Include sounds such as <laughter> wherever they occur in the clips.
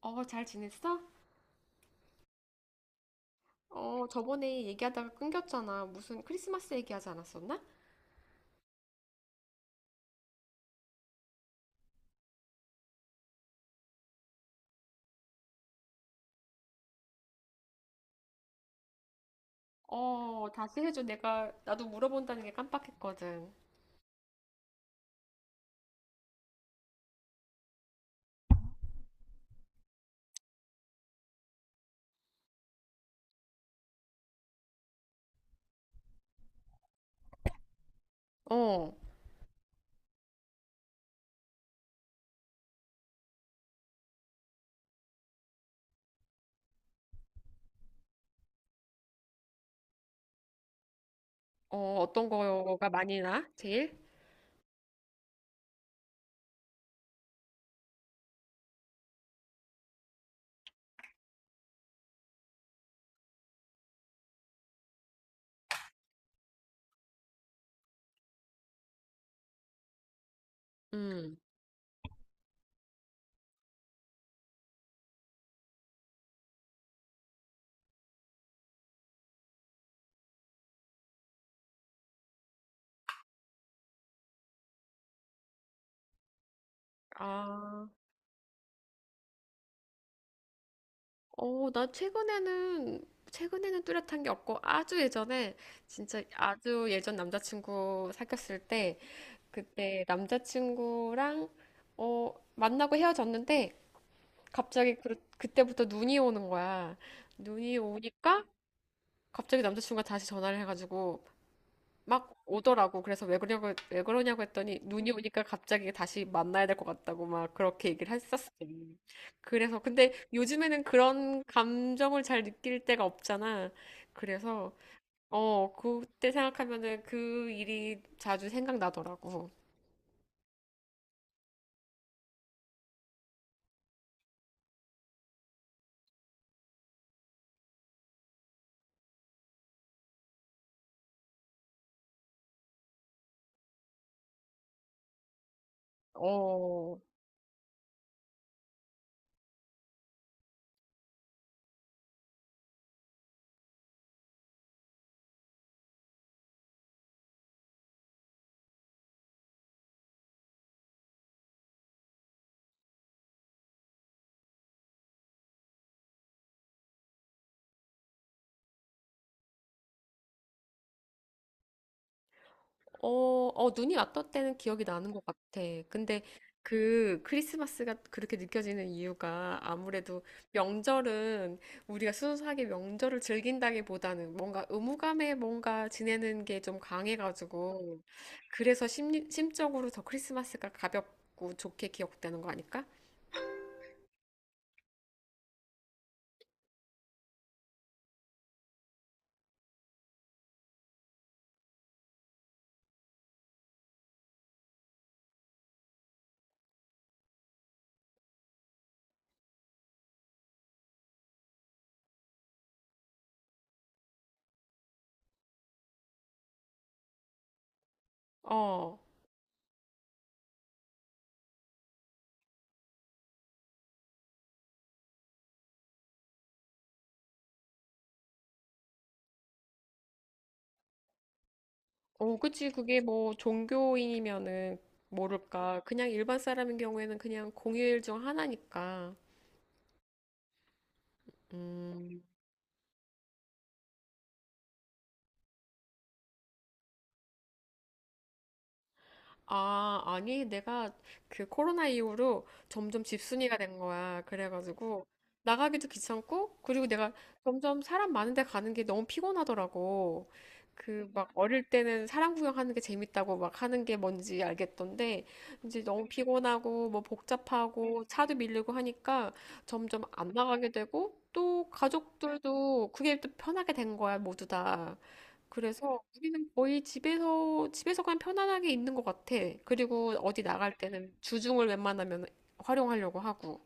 잘 지냈어? 저번에 얘기하다가 끊겼잖아. 무슨 크리스마스 얘기하지 않았었나? 다시 해줘. 나도 물어본다는 게 깜빡했거든. 어, 어, 어떤 거가 많이 나? 제일? 음. 아, 나 최근에는 뚜렷한 게 없고, 아주 예전에, 진짜 아주 예전 남자친구 사귀었을 때, 그때 남자친구랑, 만나고 헤어졌는데, 갑자기 그때부터 눈이 오는 거야. 눈이 오니까 갑자기 남자친구가 다시 전화를 해가지고 막 오더라고. 그래서 왜 그러냐고, 왜 그러냐고 했더니 눈이 오니까 갑자기 다시 만나야 될 것 같다고 막 그렇게 얘기를 했었어. 그래서 근데 요즘에는 그런 감정을 잘 느낄 때가 없잖아. 그래서 그때 생각하면은 그 일이 자주 생각나더라고. 어, 어, 눈이 왔던 때는 기억이 나는 것 같아. 근데 그 크리스마스가 그렇게 느껴지는 이유가 아무래도 명절은 우리가 순수하게 명절을 즐긴다기보다는 뭔가 의무감에 뭔가 지내는 게 좀 강해가지고 그래서 심적으로 더 크리스마스가 가볍고 좋게 기억되는 거 아닐까? 어, 어, 그치. 그게 뭐 종교인이면은 모를까. 그냥 일반 사람인 경우에는 그냥 공휴일 중 하나니까. 음. 아, 아니, 내가 그 코로나 이후로 점점 집순이가 된 거야. 그래가지고 나가기도 귀찮고, 그리고 내가 점점 사람 많은 데 가는 게 너무 피곤하더라고. 그 막 어릴 때는 사람 구경하는 게 재밌다고 막 하는 게 뭔지 알겠던데, 이제 너무 피곤하고, 뭐 복잡하고, 차도 밀리고 하니까 점점 안 나가게 되고, 또 가족들도 그게 또 편하게 된 거야, 모두 다. 그래서 우리는 거의 집에서 그냥 편안하게 있는 것 같아. 그리고 어디 나갈 때는 주중을 웬만하면 활용하려고 하고.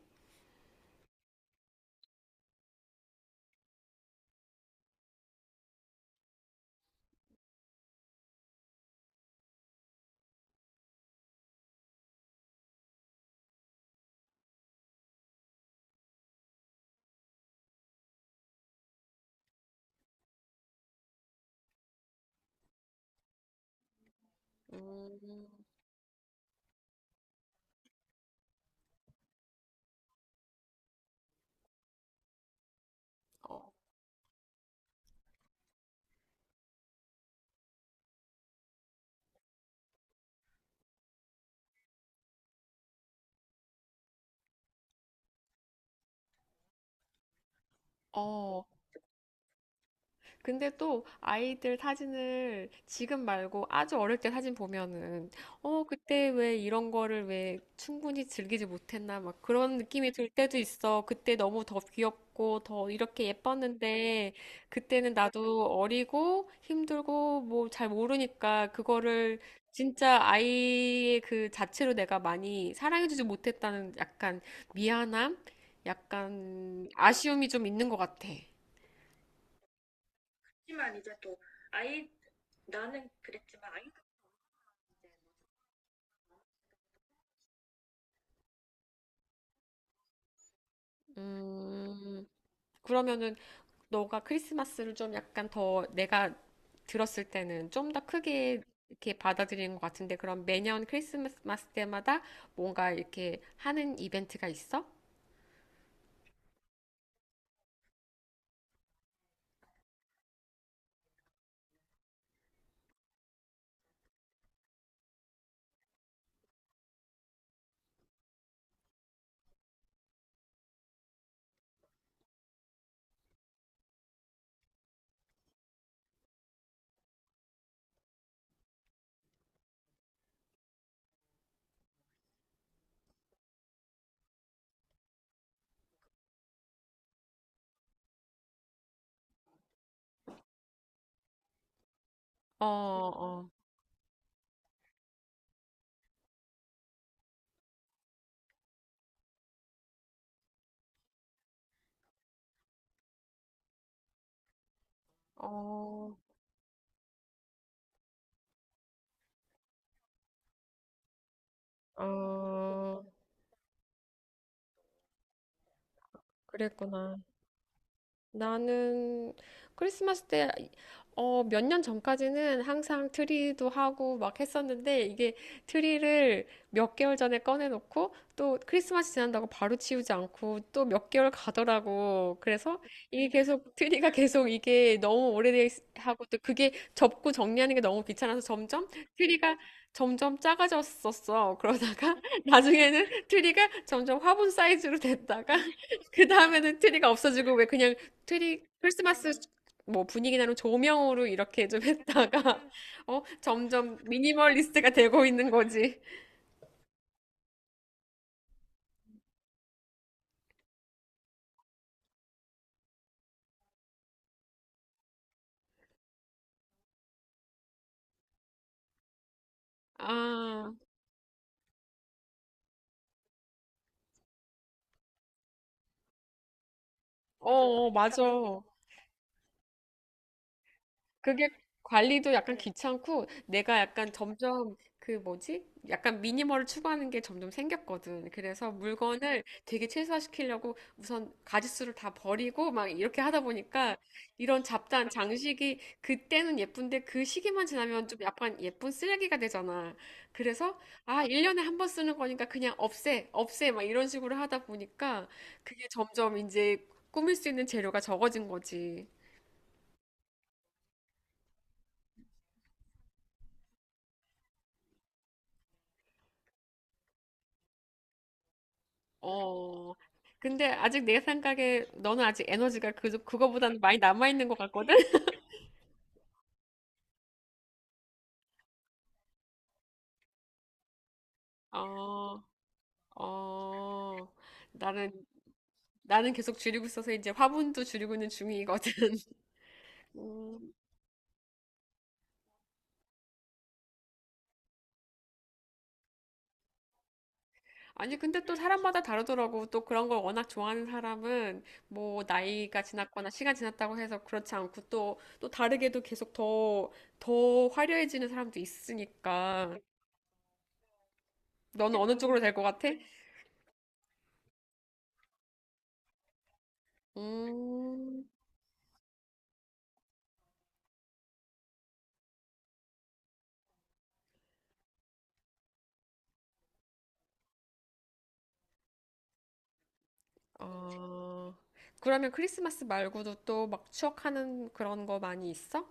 음, 어, 어, 근데 또 아이들 사진을 지금 말고 아주 어릴 때 사진 보면은 어 그때 왜 이런 거를 왜 충분히 즐기지 못했나 막 그런 느낌이 들 때도 있어. 그때 너무 더 귀엽고 더 이렇게 예뻤는데 그때는 나도 어리고 힘들고 뭐 잘 모르니까 그거를 진짜 아이의 그 자체로 내가 많이 사랑해주지 못했다는 약간 미안함, 약간 아쉬움이 좀 있는 것 같아. 하지만 이제 또 아이 나는 그랬지만 아이가은이 음, 그러면은 너가 크리스마스를 좀 약간 더 내가 들었을 때는 좀 더 크게 이렇게 받아들이는 것 같은데 그럼 매년 크리스마스 때마다 뭔가 이렇게 하는 이벤트가 있어? 어, 어, 어, 어, 그랬구나. 나는 크리스마스 때, 몇 년 전까지는 항상 트리도 하고 막 했었는데, 이게 트리를 몇 개월 전에 꺼내놓고, 또 크리스마스 지난다고 바로 치우지 않고, 또 몇 개월 가더라고. 그래서 이게 계속, 트리가 계속 이게 너무 오래하고, 또 그게 접고 정리하는 게 너무 귀찮아서 점점 트리가 점점 작아졌었어. 그러다가 <laughs> 나중에는 트리가 점점 화분 사이즈로 됐다가, <laughs> 그 다음에는 트리가 없어지고 왜 그냥 트리 크리스마스 뭐 분위기 나는 조명으로 이렇게 좀 했다가 <laughs> 어 점점 미니멀리스트가 되고 있는 거지. 아, 어, 어, 맞아. 그게 관리도 약간 귀찮고 내가 약간 점점 그 뭐지? 약간 미니멀을 추구하는 게 점점 생겼거든. 그래서 물건을 되게 최소화시키려고 우선 가짓수를 다 버리고 막 이렇게 하다 보니까 이런 잡다한 장식이 그때는 예쁜데 그 시기만 지나면 좀 약간 예쁜 쓰레기가 되잖아. 그래서 아, 1년에 한 번 쓰는 거니까 그냥 없애, 없애 막 이런 식으로 하다 보니까 그게 점점 이제 꾸밀 수 있는 재료가 적어진 거지. 어, 근데 아직 내 생각에 너는 아직 에너지가 그거보다는 많이 남아있는 것 같거든? <laughs> 어, 어, 나는, 나는 계속 줄이고 있어서 이제 화분도 줄이고 있는 중이거든. <laughs> 음, 아니, 근데 또 사람마다 다르더라고. 또 그런 걸 워낙 좋아하는 사람은 뭐 나이가 지났거나 시간 지났다고 해서 그렇지 않고 또 다르게도 더 화려해지는 사람도 있으니까. 너는 어느 쪽으로 될 것 같아? 음, 어, 그러면 크리스마스 말고도 또 막 추억하는 그런 거 많이 있어?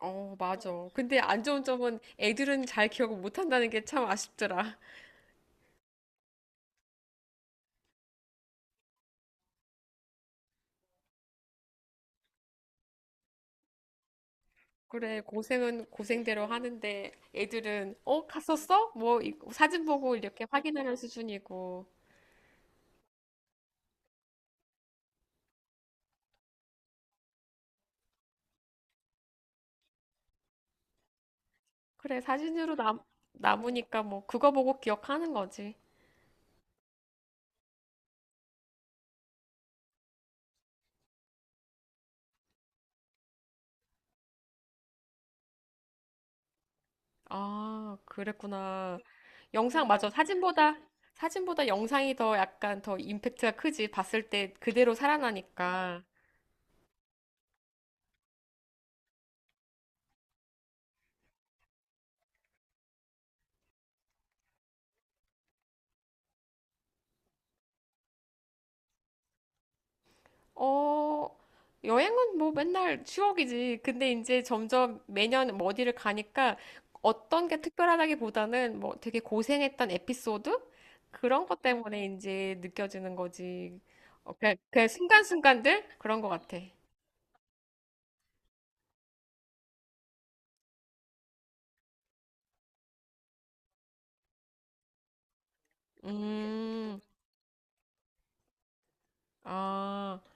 어, 맞아. 근데 안 좋은 점은 애들은 잘 기억을 못 한다는 게 참 아쉽더라. 그래, 고생은 고생대로 하는데 애들은, 어, 갔었어? 뭐, 이- 사진 보고 이렇게 확인하는 수준이고. 그래, 남으니까 뭐, 그거 보고 기억하는 거지. 아, 그랬구나. 영상, 맞아. 사진보다 영상이 더 약간 더 임팩트가 크지. 봤을 때 그대로 살아나니까. 어, 여행은 뭐 맨날 추억이지. 근데 이제 점점 매년 뭐 어디를 가니까 어떤 게 특별하다기보다는 뭐 되게 고생했던 에피소드? 그런 것 때문에 이제 느껴지는 거지. 어, 그냥 순간순간들? 그런 것 같아. 음, 아.